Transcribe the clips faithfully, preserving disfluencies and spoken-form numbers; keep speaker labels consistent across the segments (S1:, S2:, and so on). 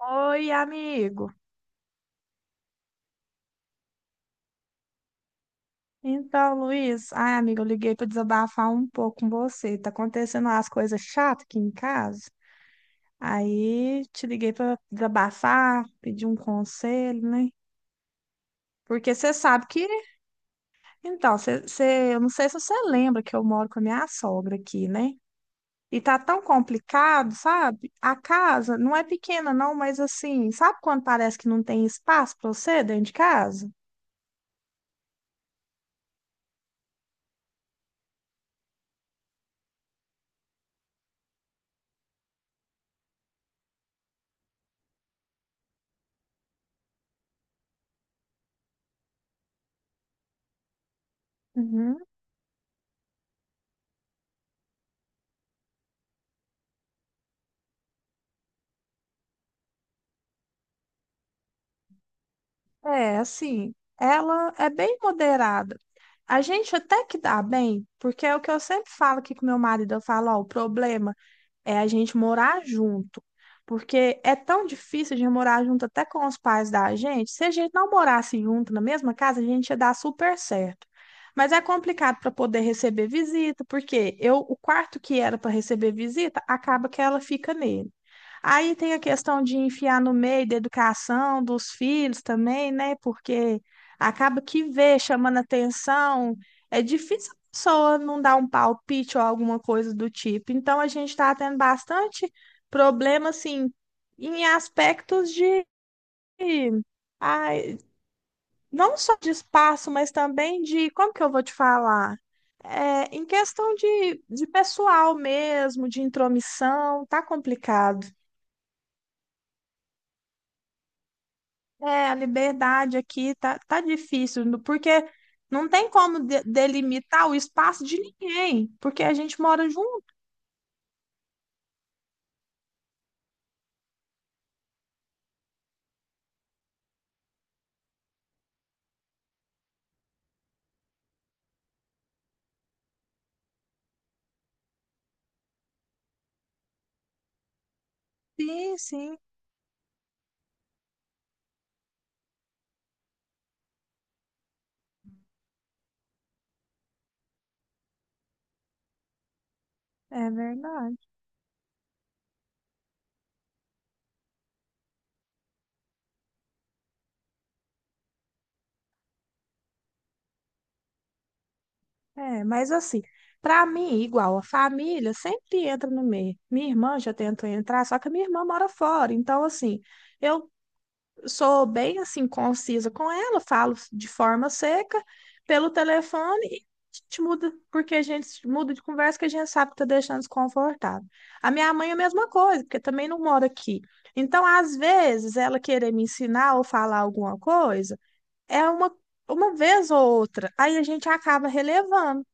S1: Oi, amigo. Então, Luiz, ai, amigo, eu liguei para desabafar um pouco com você. Tá acontecendo umas coisas chatas aqui em casa. Aí te liguei para desabafar, pedir um conselho, né? Porque você sabe que, então, você, você- eu não sei se você lembra que eu moro com a minha sogra aqui, né? E tá tão complicado, sabe? A casa não é pequena, não, mas assim, sabe quando parece que não tem espaço para você dentro de casa? Uhum. É, assim, ela é bem moderada. A gente até que dá bem, porque é o que eu sempre falo aqui com meu marido, eu falo, ó, o problema é a gente morar junto, porque é tão difícil de morar junto até com os pais da gente. Se a gente não morasse junto na mesma casa, a gente ia dar super certo. Mas é complicado para poder receber visita, porque eu, o quarto que era para receber visita, acaba que ela fica nele. Aí tem a questão de enfiar no meio da educação dos filhos também, né? Porque acaba que vê chamando atenção, é difícil a pessoa não dar um palpite ou alguma coisa do tipo. Então a gente está tendo bastante problema, assim, em aspectos de, ai, não só de espaço, mas também de, como que eu vou te falar? É, em questão de, de pessoal mesmo, de intromissão, tá complicado. É, a liberdade aqui tá, tá difícil, no- porque não tem como de- delimitar o espaço de ninguém, porque a gente mora junto. Sim, sim, é verdade. É, mas assim, pra mim, igual a família, sempre entra no meio. Minha irmã já tentou entrar, só que a minha irmã mora fora. Então, assim, eu sou bem assim concisa com ela, falo de forma seca pelo telefone e a gente muda, porque a gente muda de conversa que a gente sabe que tá deixando desconfortável. A minha mãe é a mesma coisa, porque também não mora aqui. Então, às vezes, ela querer me ensinar ou falar alguma coisa é uma, uma vez ou outra, aí a gente acaba relevando.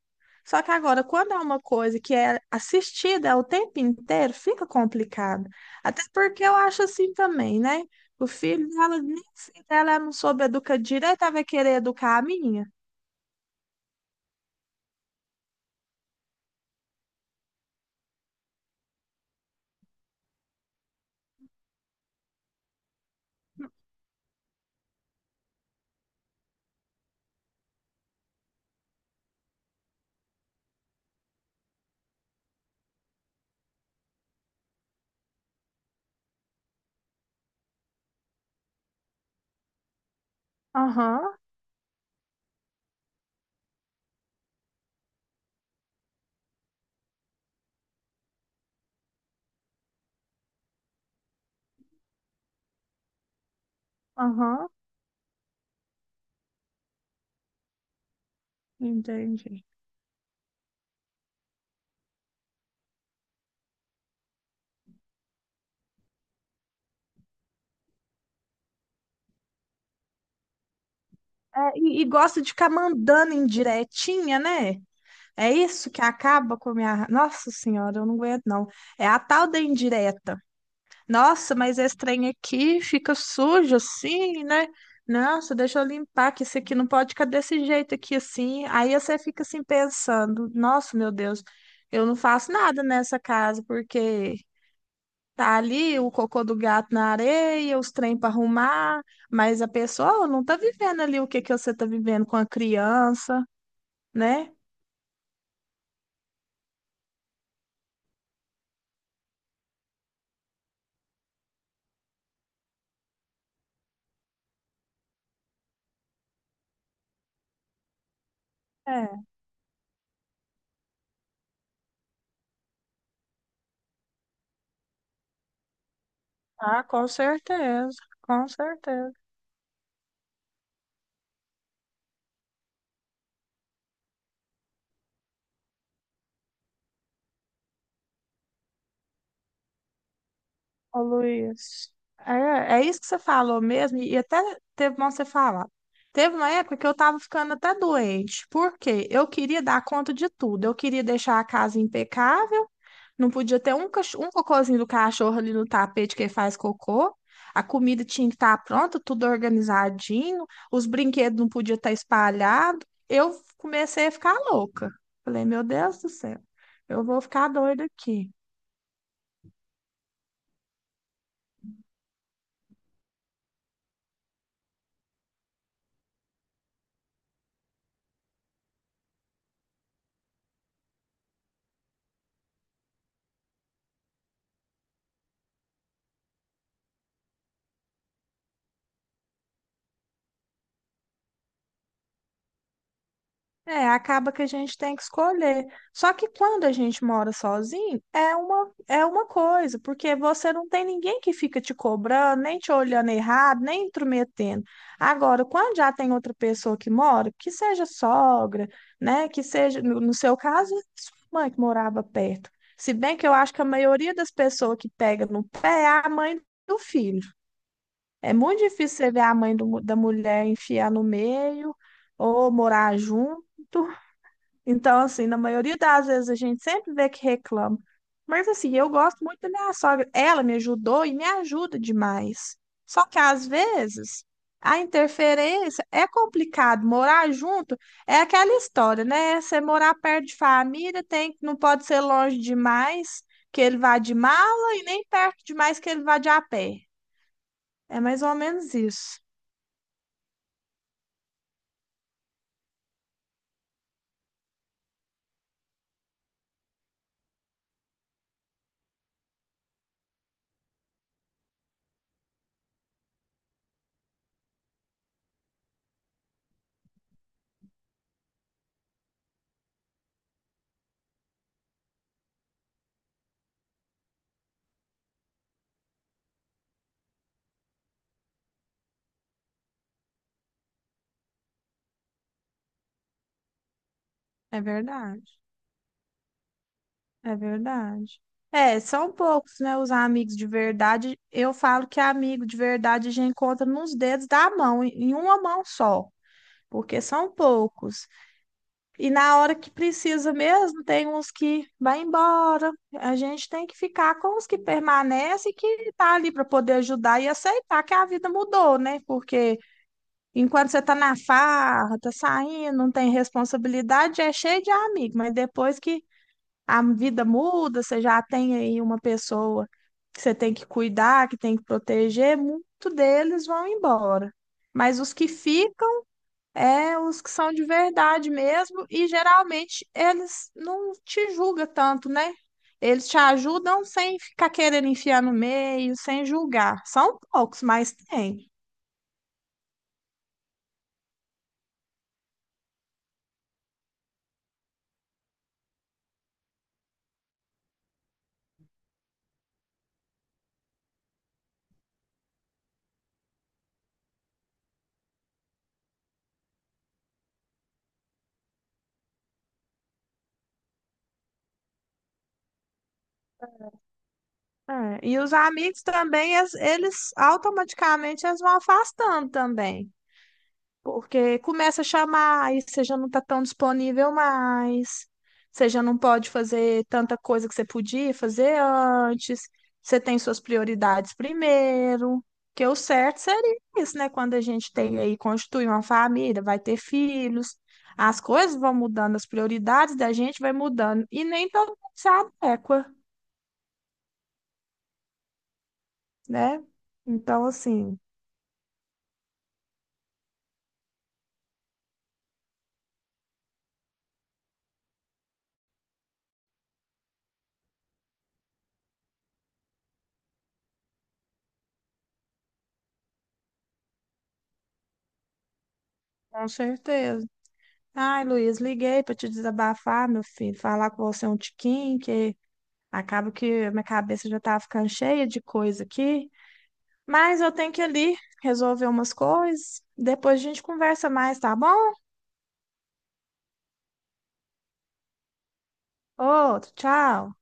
S1: Só que agora, quando é uma coisa que é assistida é o tempo inteiro, fica complicado. Até porque eu acho assim também, né? O filho dela, nem se ela não soube educar direito, ela vai querer educar a minha. Aham, aham, entendi. É, e, e gosta de ficar mandando indiretinha, né? É isso que acaba com a minha. Nossa Senhora, eu não aguento, não. É a tal da indireta. Nossa, mas esse trem aqui fica sujo assim, né? Nossa, deixa eu limpar, que isso aqui não pode ficar desse jeito aqui assim. Aí você fica assim pensando: nossa, meu Deus, eu não faço nada nessa casa, porque tá ali o cocô do gato na areia, os trem para arrumar, mas a pessoa não tá vivendo ali o que que você tá vivendo com a criança, né? É, ah, com certeza, com certeza. Ô, Luiz, é, é isso que você falou mesmo, e até teve bom você falar. Teve uma época que eu tava ficando até doente, porque eu queria dar conta de tudo. Eu queria deixar a casa impecável, não podia ter um, cach- um cocôzinho do cachorro ali no tapete que ele faz cocô. A comida tinha que estar pronta, tudo organizadinho, os brinquedos não podiam estar espalhados. Eu comecei a ficar louca. Falei, meu Deus do céu, eu vou ficar doida aqui. É, acaba que a gente tem que escolher. Só que quando a gente mora sozinho, é uma, é uma coisa, porque você não tem ninguém que fica te cobrando, nem te olhando errado, nem intrometendo. Agora, quando já tem outra pessoa que mora, que seja sogra, né, que seja, no, no seu caso, sua mãe que morava perto. Se bem que eu acho que a maioria das pessoas que pega no pé é a mãe do filho. É muito difícil você ver a mãe do mu- da mulher enfiar no meio ou morar junto. Então, assim, na maioria das vezes a gente sempre vê que reclama. Mas, assim, eu gosto muito da minha sogra. Ela me ajudou e me ajuda demais. Só que, às vezes, a interferência é complicado. Morar junto é aquela história, né? Você morar perto de família tem, não pode ser longe demais que ele vá de mala e nem perto demais que ele vá de a pé. É mais ou menos isso. É verdade. É verdade. É, são poucos, né, os amigos de verdade. Eu falo que amigo de verdade a gente encontra nos dedos da mão, em em uma mão só, porque são poucos. E na hora que precisa mesmo, tem uns que vai embora. A gente tem que ficar com os que permanecem, que tá ali para poder ajudar e aceitar que a vida mudou, né? Porque enquanto você tá na farra, tá saindo, não tem responsabilidade, é cheio de amigo, mas depois que a vida muda, você já tem aí uma pessoa que você tem que cuidar, que tem que proteger, muito deles vão embora. Mas os que ficam é os que são de verdade mesmo, e geralmente eles não te julgam tanto, né? Eles te ajudam sem ficar querendo enfiar no meio, sem julgar. São poucos, mas tem. É, e os amigos também, eles eles automaticamente eles vão afastando também. Porque começa a chamar, aí você já não está tão disponível mais, você já não pode fazer tanta coisa que você podia fazer antes, você tem suas prioridades primeiro. Que o certo seria isso, né? Quando a gente tem aí, constitui uma família, vai ter filhos, as coisas vão mudando, as prioridades da gente vai mudando, e nem todo mundo se adequa, né? Então, assim, com certeza. Ai, Luiz, liguei para te desabafar, meu filho, falar com você um tiquinho, que acaba que a minha cabeça já tá ficando cheia de coisa aqui, mas eu tenho que ir ali resolver umas coisas. Depois a gente conversa mais, tá bom? Outro, tchau.